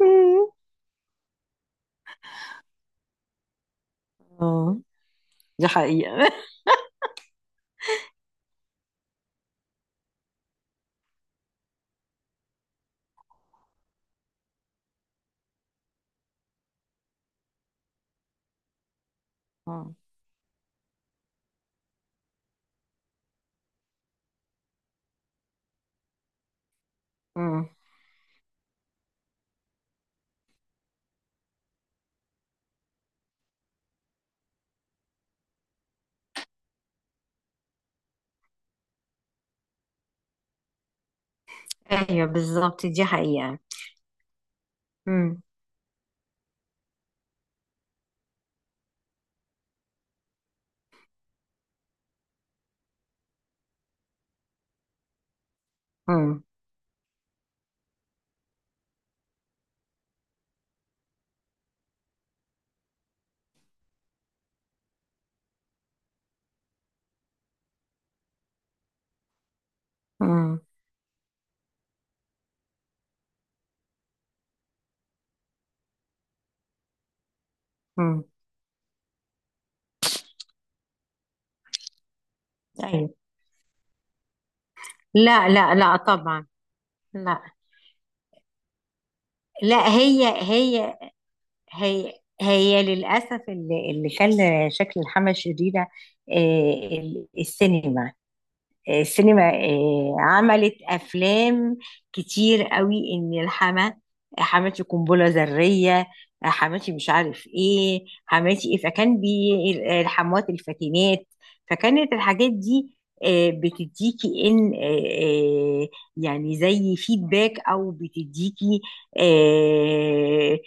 مم. اه، دي حقيقة. آه. مم. ايوه، بالظبط، دي حقيقة. مم. مم. مم. مم. ايوه. لا لا لا طبعا. لا. لا، هي هي للأسف اللي خلى شكل الحمى شريرة. السينما. السينما عملت افلام كتير قوي ان الحما، حماتي قنبله ذريه، حماتي مش عارف ايه، حماتي ايه، فكان بي الحموات الفاتنات. فكانت الحاجات دي بتديكي ان يعني زي فيدباك، او بتديكي آه،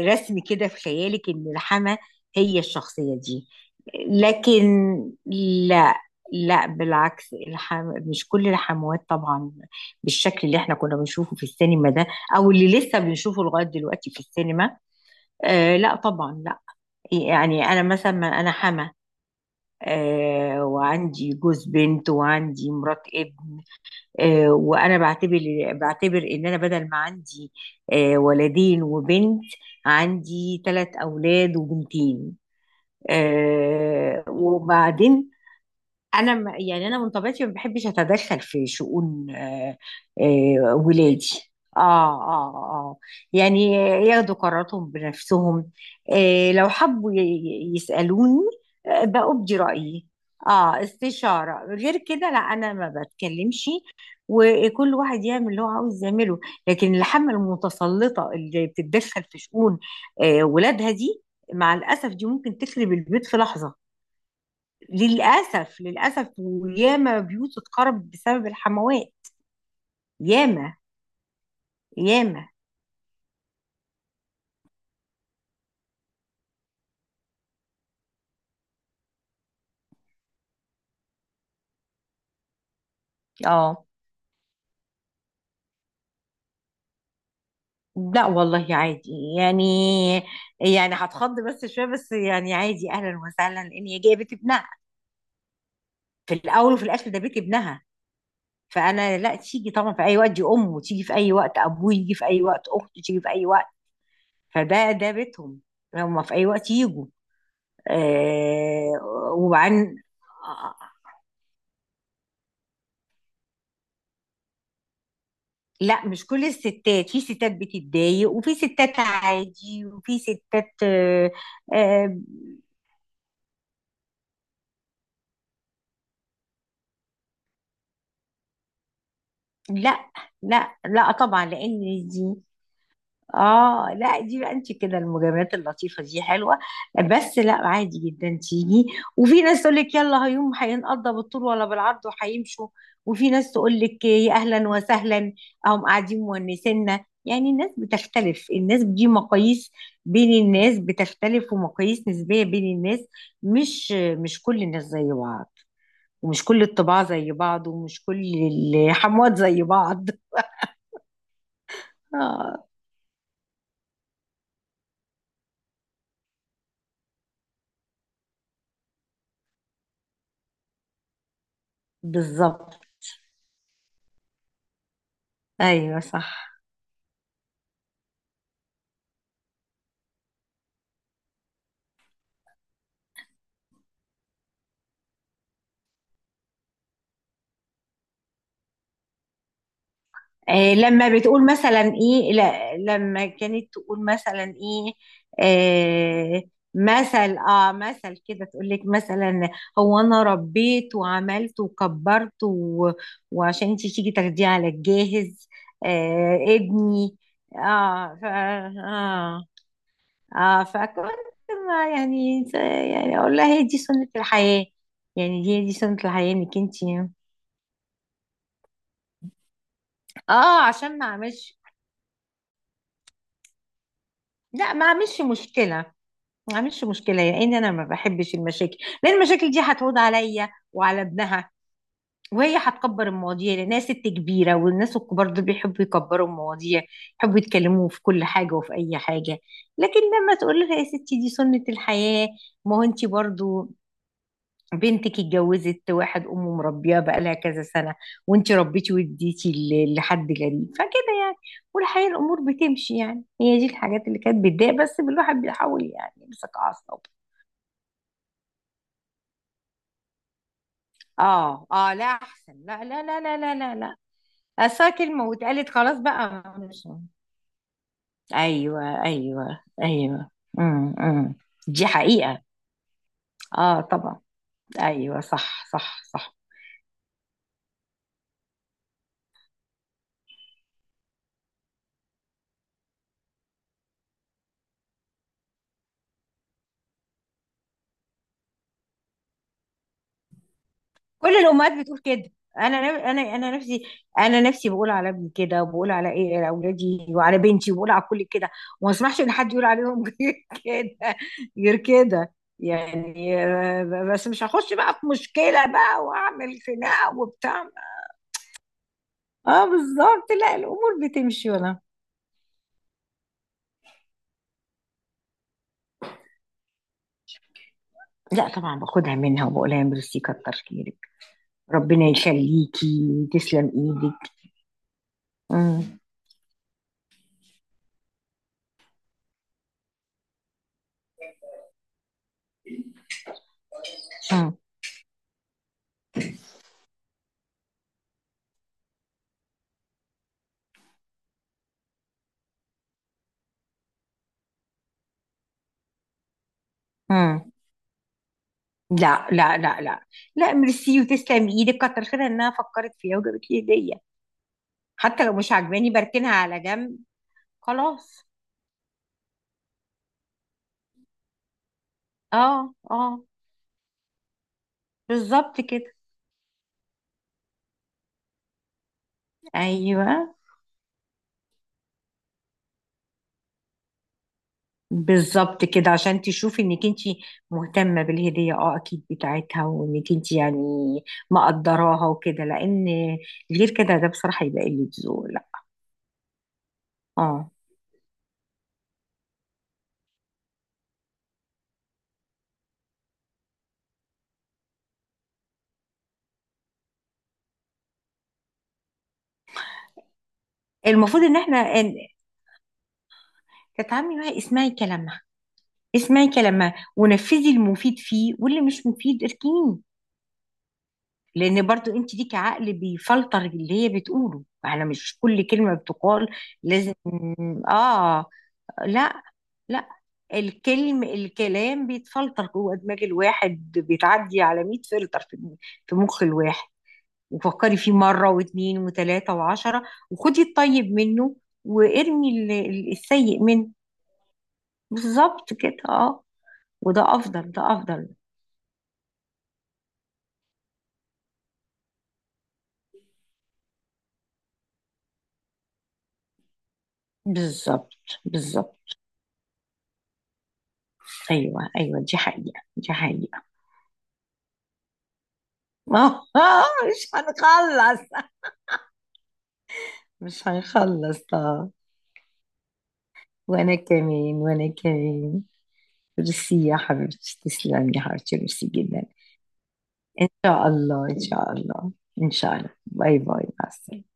رسم كده في خيالك ان الحما هي الشخصيه دي. لكن لا، لا بالعكس، مش كل الحموات طبعا بالشكل اللي احنا كنا بنشوفه في السينما ده، او اللي لسه بنشوفه لغايه دلوقتي في السينما. آه لا طبعا لا. يعني انا مثلا، ما انا حما. وعندي جوز بنت وعندي مرات ابن. وانا بعتبر ان انا بدل ما عندي ولدين وبنت، عندي ثلاث اولاد وبنتين. وبعدين انا، يعني انا من طبيعتي ما بحبش اتدخل في شؤون ولادي. اه اه اه. يعني ياخدوا قراراتهم بنفسهم. لو حبوا يسالوني بأبدي رايي، اه استشاره، غير كده لا انا ما بتكلمش. وكل واحد يعمل اللي هو عاوز يعمله. لكن الحمل المتسلطه اللي بتتدخل في شؤون ولادها دي، مع الاسف دي ممكن تخرب البيت في لحظه. للأسف للأسف، وياما بيوت اتخرب بسبب الحموات. ياما ياما. اه، لا والله عادي. يعني، يعني هتخض بس شوية، بس يعني عادي، أهلا وسهلا، لأن هي جاية بيت ابنها. في الأول وفي الآخر ده بيت ابنها، فأنا لا، تيجي طبعا في أي وقت، دي أمه، تيجي في أي وقت، أبوه يجي في أي وقت، أخته تيجي في أي وقت. فده بيتهم، هما في أي وقت يجوا. وبعدين لا، مش كل الستات، في ستات بتتضايق، وفي ستات عادي، وفي ستات آه، لا لا لا طبعا. لان دي اه لا دي بقى، انت كده المجاملات اللطيفه دي حلوه، بس لا عادي جدا تيجي. وفي ناس تقول لك يلا، هيوم هينقضى بالطول ولا بالعرض وهيمشوا، وفي ناس تقول لك يا اهلا وسهلا، هم قاعدين مونسينا. يعني الناس بتختلف، الناس دي مقاييس بين الناس بتختلف، ومقاييس نسبيه بين الناس. مش مش كل الناس زي بعض، ومش كل الطباع زي بعض، ومش كل الحموات زي بعض. آه بالظبط. ايوه صح. لما بتقول مثلا ايه، لا لما كانت تقول مثلا ايه، آه مثل كده تقول لك مثلا: هو انا ربيت وعملت وكبرت وعشان انت تيجي تاخديه على الجاهز، ابني. اه ف... اه اه فكنت ما، يعني يعني اقول لها هي دي سنة الحياة. يعني دي سنة الحياة انك انت، اه عشان ما اعملش، لا ما اعملش مشكلة. ما عملش مشكلة لأن أنا ما بحبش المشاكل، لأن المشاكل دي هتعود عليا وعلى ابنها، وهي هتكبر المواضيع لأنها ست كبيرة، والناس الكبار دول بيحبوا يكبروا المواضيع، يحبوا يتكلموا في كل حاجة وفي أي حاجة. لكن لما تقول لها يا ستي دي سنة الحياة، ما هو أنت برضو بنتك اتجوزت واحد أمه مربياه بقالها كذا سنة، وأنت ربيتي واديتي لحد غريب، فكده يعني. والحقيقة الأمور بتمشي، يعني هي دي الحاجات اللي كانت بتضايق، بس الواحد بيحاول يعني يمسك أعصابه. اه اه، لا احسن، لا لا لا لا لا لا لا. أصل كلمة واتقالت خلاص بقى مش. ايوه ايوه ايوه. امم. دي حقيقة. اه طبعا. ايوه صح صح صح. كل الامهات بتقول كده. انا نفسي، انا نفسي بقول على ابني كده، وبقول على ايه، على اولادي وعلى بنتي، وبقول على كل كده. وما اسمحش ان حد يقول عليهم غير كده، غير كده. يعني بس مش هخش بقى في مشكلة بقى واعمل خناقة وبتاع. اه بالظبط، لا الامور بتمشي ولا. لا طبعا، باخدها منها وبقول لها ميرسي كتر خيرك. ربنا يخليكي، تسلم ايدك. مم. مم. مم. لا لا لا لا. لا، ميرسي وتسلم ايدك، كتر خيرها انها فكرت فيها وجابت لي هديه. حتى لو مش عجباني بركنها على جنب. خلاص. اه اه، بالظبط كده. ايوه بالظبط كده، عشان تشوفي انك انت مهتمه بالهديه، اه اكيد بتاعتها، وانك انت يعني مقدراها وكده. لان غير كده ده بصراحه يبقى قله ذوق، لا. اه. المفروض ان احنا تتعاملي معاها، اسمعي كلامها، اسمعي كلامها ونفذي المفيد فيه، واللي مش مفيد اركنيه. لان برضو انت ليكي عقل بيفلتر اللي هي بتقوله، على مش كل كلمه بتقال. لازم. اه. لا لا. الكلام بيتفلتر جوه دماغ الواحد، بيتعدي على 100 فلتر في مخ الواحد. وفكري فيه مرة واثنين وثلاثة وعشرة، وخدي الطيب منه، وارمي السيء منه. بالظبط كده اه. وده افضل، ده افضل. بالظبط بالظبط. ايوه ايوه، دي حقيقة، دي حقيقة. اه مش هنخلص. مش هنخلص اه. وانا كمان، وانا كمان. ميرسي يا حبيبتي، تسلمي يا حبيبتي، ميرسي جدا. ان شاء الله ان شاء الله. ان شاء الله، باي باي، مع السلامه.